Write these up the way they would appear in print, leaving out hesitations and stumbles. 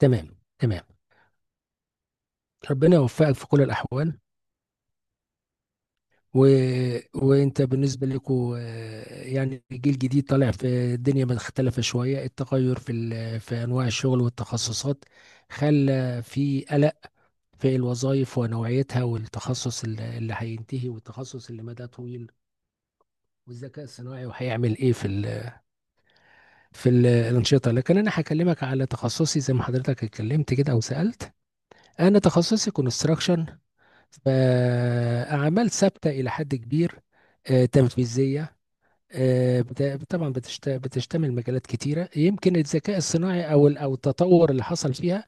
تمام تمام. ربنا يوفقك في كل الأحوال. و... وأنت بالنسبة لكم، يعني جيل جديد طالع في الدنيا مختلفة شوية. التغير في في أنواع الشغل والتخصصات خلى في قلق في الوظائف ونوعيتها، والتخصص اللي هينتهي، والتخصص اللي مدى طويل، والذكاء الصناعي، وهيعمل ايه في الانشطه لكن انا هكلمك على تخصصي، زي ما حضرتك اتكلمت كده او سالت. انا تخصصي كونستراكشن، فأعمال ثابتة إلى حد كبير، تنفيذية. طبعا بتشتمل مجالات كتيرة، يمكن الذكاء الصناعي أو التطور اللي حصل فيها،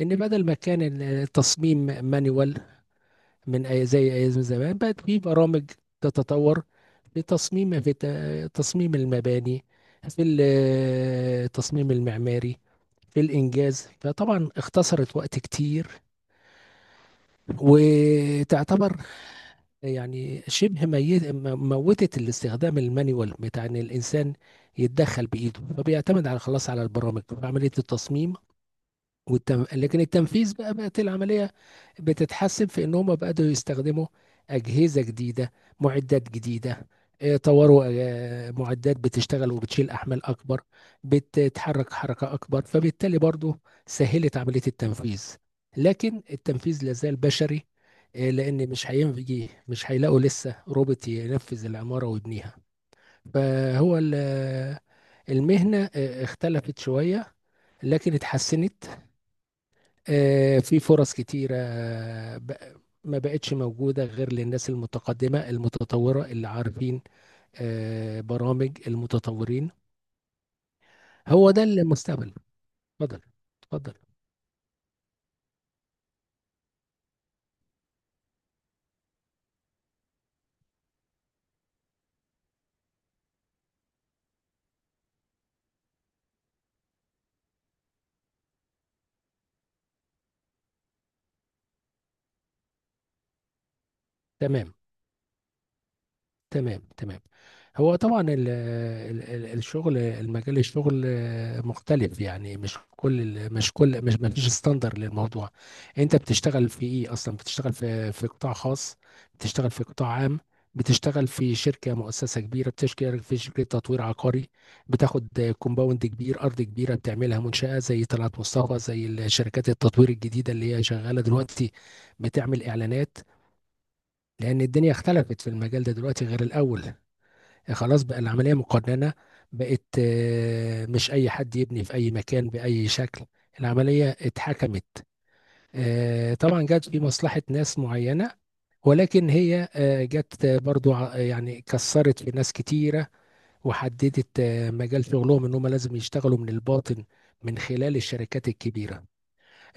إن بدل ما كان التصميم مانيوال، زي أيام زمان بقت في برامج تتطور، في تصميم المباني، في التصميم المعماري، في الإنجاز. فطبعا اختصرت وقت كتير، وتعتبر يعني شبه موتت الاستخدام المانيوال بتاع ان الانسان يتدخل بايده، فبيعتمد على خلاص على البرامج في عمليه التصميم. لكن التنفيذ بقى بقت العملية بتتحسن، في إن هم بدأوا يستخدموا أجهزة جديدة، معدات جديدة. طوروا معدات بتشتغل وبتشيل أحمال أكبر، بتتحرك حركة أكبر، فبالتالي برضو سهلت عملية التنفيذ. لكن التنفيذ لازال بشري، لأن مش هيلاقوا لسه روبوت ينفذ العمارة ويبنيها. فهو ال- المهنة اختلفت شوية، لكن اتحسنت. في فرص كتيرة، بق- ما بقتش موجودة غير للناس المتقدمة المتطورة، اللي عارفين برامج المتطورين. هو ده المستقبل. اتفضل، اتفضل. تمام تمام تمام. هو طبعا ال ال ال الشغل، المجال الشغل مختلف، يعني مش كل ال- مش كل مش ما فيش ستاندر للموضوع. انت بتشتغل في ايه اصلا؟ بتشتغل في قطاع خاص؟ بتشتغل في قطاع عام؟ بتشتغل في شركة، مؤسسة كبيرة؟ بتشتغل في شركة تطوير عقاري، بتاخد كومباوند كبير، أرض كبيرة بتعملها منشأة، زي طلعت مصطفى، زي الشركات التطوير الجديدة اللي هي شغالة دلوقتي، بتعمل إعلانات؟ لأن الدنيا اختلفت في المجال ده دلوقتي غير الأول. خلاص، بقى العملية مقننة، بقت مش أي حد يبني في أي مكان بأي شكل، العملية اتحكمت. طبعا جت في مصلحة ناس معينة، ولكن هي جت برضو يعني كسرت في ناس كتيرة، وحددت مجال شغلهم، إن هم لازم يشتغلوا من الباطن، من خلال الشركات الكبيرة.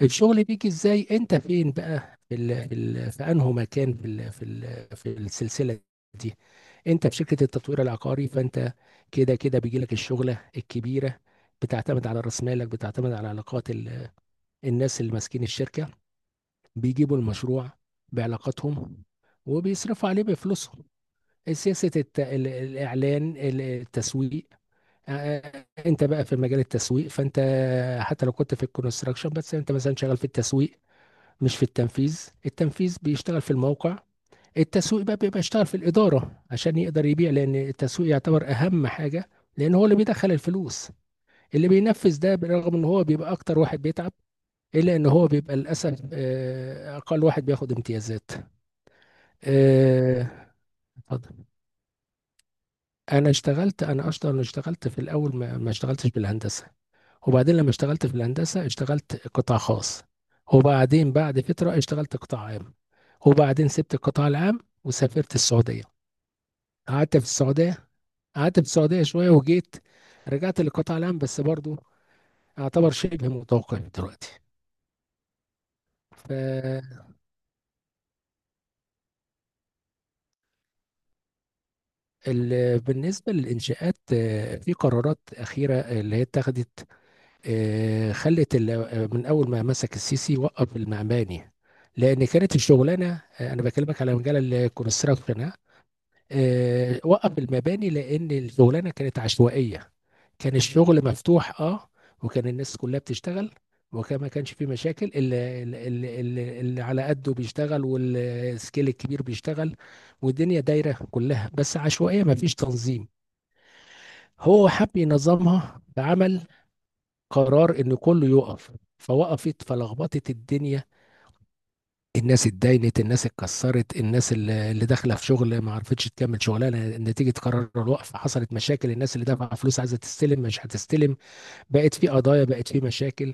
الشغل بيجي ازاي؟ انت فين بقى في انه مكان، في السلسله دي؟ انت في شركه التطوير العقاري، فانت كده كده بيجي لك الشغله الكبيره، بتعتمد على راس مالك، بتعتمد على علاقات الناس اللي ماسكين الشركه، بيجيبوا المشروع بعلاقاتهم، وبيصرفوا عليه بفلوسهم. سياسه الاعلان، التسويق. انت بقى في مجال التسويق، فانت حتى لو كنت في الكونستراكشن، بس انت مثلا شغال في التسويق مش في التنفيذ. التنفيذ بيشتغل في الموقع، التسويق بقى بيبقى يشتغل في الإدارة عشان يقدر يبيع، لأن التسويق يعتبر أهم حاجة، لأن هو اللي بيدخل الفلوس. اللي بينفذ ده، برغم ان هو بيبقى اكتر واحد بيتعب، الا ان هو بيبقى للاسف اقل واحد بياخد امتيازات. آه، اتفضل. انا اصلا اشتغلت في الاول، ما اشتغلتش بالهندسة. وبعدين لما اشتغلت في الهندسة، اشتغلت قطاع خاص، وبعدين بعد فترة اشتغلت قطاع عام، وبعدين سبت القطاع العام وسافرت السعودية، قعدت في السعودية قعدت في السعودية شوية وجيت. رجعت للقطاع العام، بس برضو اعتبر شبه متوقف دلوقتي. فبالنسبة للإنشاءات، في قرارات أخيرة اللي هي اتخذت. آه، خلت ال- آه، من أول ما مسك السيسي وقف المعماري، لأن كانت الشغلانة، أنا بكلمك على مجال الكونستراكشن، وقف المباني، لان الشغلانه كانت عشوائيه. كان الشغل مفتوح، اه. وكان الناس كلها بتشتغل، وكان ما كانش فيه مشاكل. اللي على قده بيشتغل، والسكيل الكبير بيشتغل، والدنيا دايره كلها، بس عشوائيه، ما فيش تنظيم. هو حب ينظمها، بعمل قرار ان كله يقف. فوقفت، فلخبطت الدنيا. الناس اتداينت، الناس اتكسرت، الناس اللي داخله في شغل ما عرفتش تكمل شغلها نتيجه قرار الوقف، حصلت مشاكل، الناس اللي دافعه فلوس عايزه تستلم مش هتستلم، بقت في قضايا، بقت في مشاكل.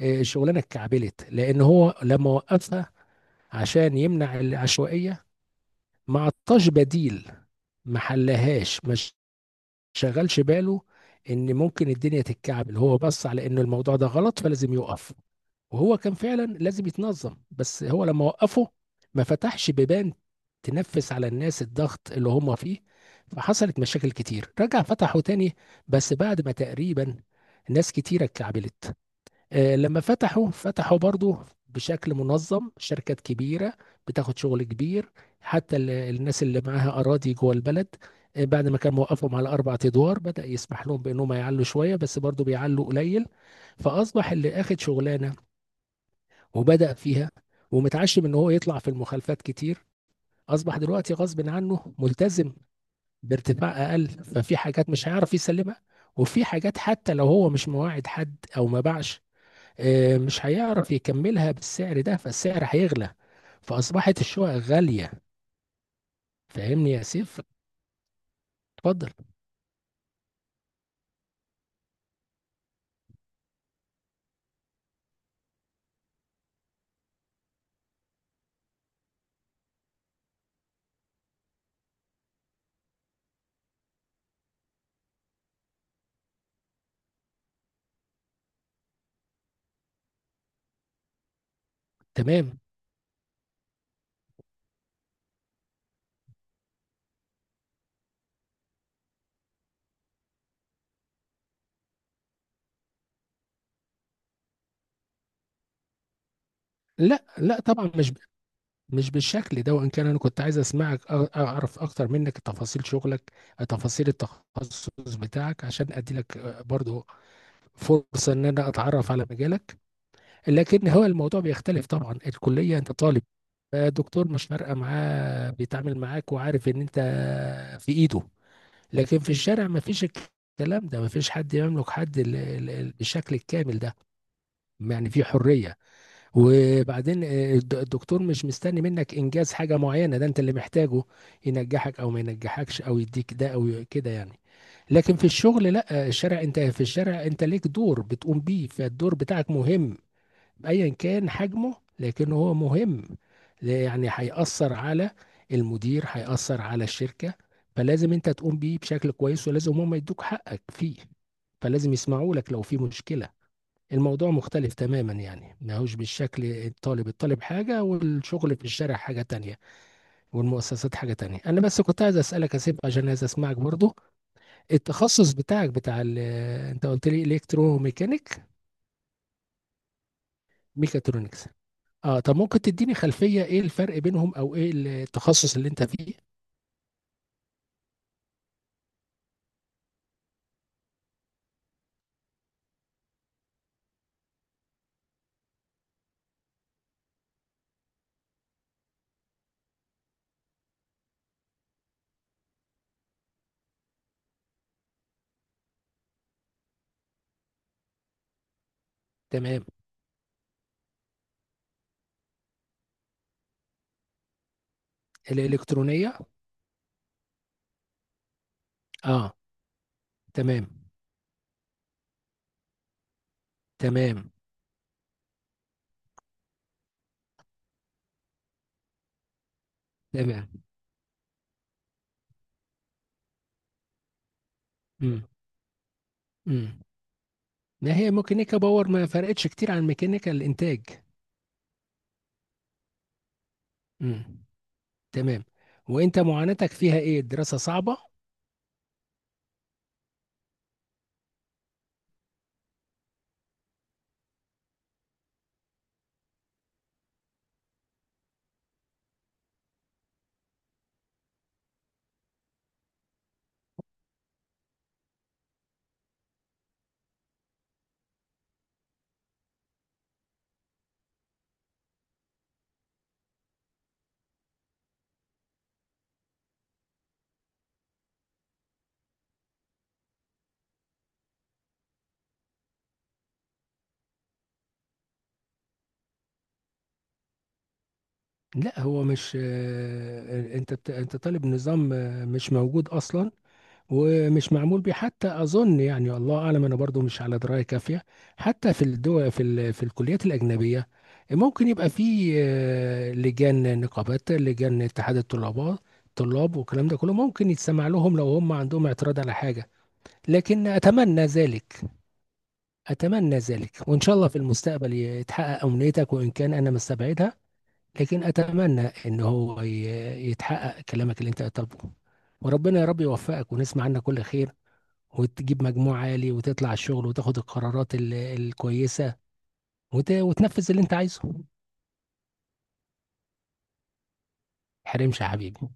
الشغلانه اتكعبلت، لان هو لما وقفها عشان يمنع العشوائيه ما عطاش بديل، ما حلهاش، ما شغلش باله ان ممكن الدنيا تتكعبل. هو بص على ان الموضوع ده غلط، فلازم يوقف. وهو كان فعلا لازم يتنظم، بس هو لما وقفه ما فتحش بيبان تنفس على الناس الضغط اللي هم فيه، فحصلت مشاكل كتير. رجع فتحه تاني، بس بعد ما تقريبا ناس كتيرة اتكعبلت. لما فتحوا، فتحوا برضو بشكل منظم، شركات كبيرة بتاخد شغل كبير. حتى الناس اللي معاها أراضي جوه البلد، بعد ما كان موقفهم على 4 أدوار، بدأ يسمح لهم بأنهم يعلوا شوية، بس برضو بيعلوا قليل. فأصبح اللي أخد شغلانة وبدأ فيها ومتعشم ان هو يطلع في المخالفات كتير، اصبح دلوقتي غصب عنه ملتزم بارتفاع اقل. ففي حاجات مش هيعرف يسلمها، وفي حاجات حتى لو هو مش مواعد حد او ما باعش، مش هيعرف يكملها بالسعر ده، فالسعر هيغلى، فاصبحت الشقق غالية. فاهمني يا سيف؟ اتفضل. تمام. لا، لا طبعا، مش بالشكل ده. وان كان انا كنت عايز اسمعك، اعرف اكتر منك تفاصيل شغلك، تفاصيل التخصص بتاعك، عشان ادي لك برضو فرصه ان انا اتعرف على مجالك. لكن هو الموضوع بيختلف. طبعا الكليه انت طالب، الدكتور مش فارقه معاه، بيتعامل معاك وعارف ان انت في ايده. لكن في الشارع ما فيش الكلام ده، ما فيش حد يملك حد بالشكل الكامل ده. يعني في حريه. وبعدين الدكتور مش مستني منك انجاز حاجه معينه، ده انت اللي محتاجه ينجحك او ما ينجحكش، او يديك ده او كده، يعني. لكن في الشغل، لا، الشارع، انت في الشارع انت ليك دور بتقوم بيه، فالدور بتاعك مهم ايا كان حجمه، لكن هو مهم. يعني هيأثر على المدير، هيأثر على الشركة، فلازم انت تقوم بيه بشكل كويس، ولازم هم يدوك حقك فيه، فلازم يسمعوا لك لو في مشكلة. الموضوع مختلف تماما، يعني ما هوش بالشكل. الطالب. الطالب حاجة، والشغل في الشارع حاجة تانية، والمؤسسات حاجة تانية. انا بس كنت عايز اسألك اسيب، عشان عايز اسمعك برضو. التخصص بتاعك بتاع ال آه، انت قلت لي الكترو ميكانيك. ميكاترونكس، اه. طب ممكن تديني خلفية ايه الفرق بينهم، او ايه التخصص اللي انت فيه؟ تمام. الالكترونية. اه. تمام. تمام تمام. امم. امم. ما هي ميكانيكا باور ما فرقتش كتير عن ميكانيكا الانتاج. امم. تمام. وانت معاناتك فيها ايه؟ الدراسة صعبة؟ لا، هو مش، انت طالب نظام مش موجود اصلا، ومش معمول بيه حتى اظن، يعني الله اعلم، انا برضو مش على درايه كافيه. حتى في الدول، في الكليات الاجنبيه، ممكن يبقى في لجان، نقابات، لجان اتحاد الطلاب، طلاب والكلام ده كله، ممكن يتسمع لهم لو هم عندهم اعتراض على حاجه. لكن اتمنى ذلك، اتمنى ذلك، وان شاء الله في المستقبل يتحقق امنيتك، وان كان انا مستبعدها. لكن اتمنى ان هو يتحقق كلامك اللي انت طالبه. وربنا يا رب يوفقك، ونسمع عنك كل خير، وتجيب مجموع عالي، وتطلع الشغل، وتاخد القرارات الكويسة، وتنفذ اللي انت عايزه. حرمش يا حبيبي.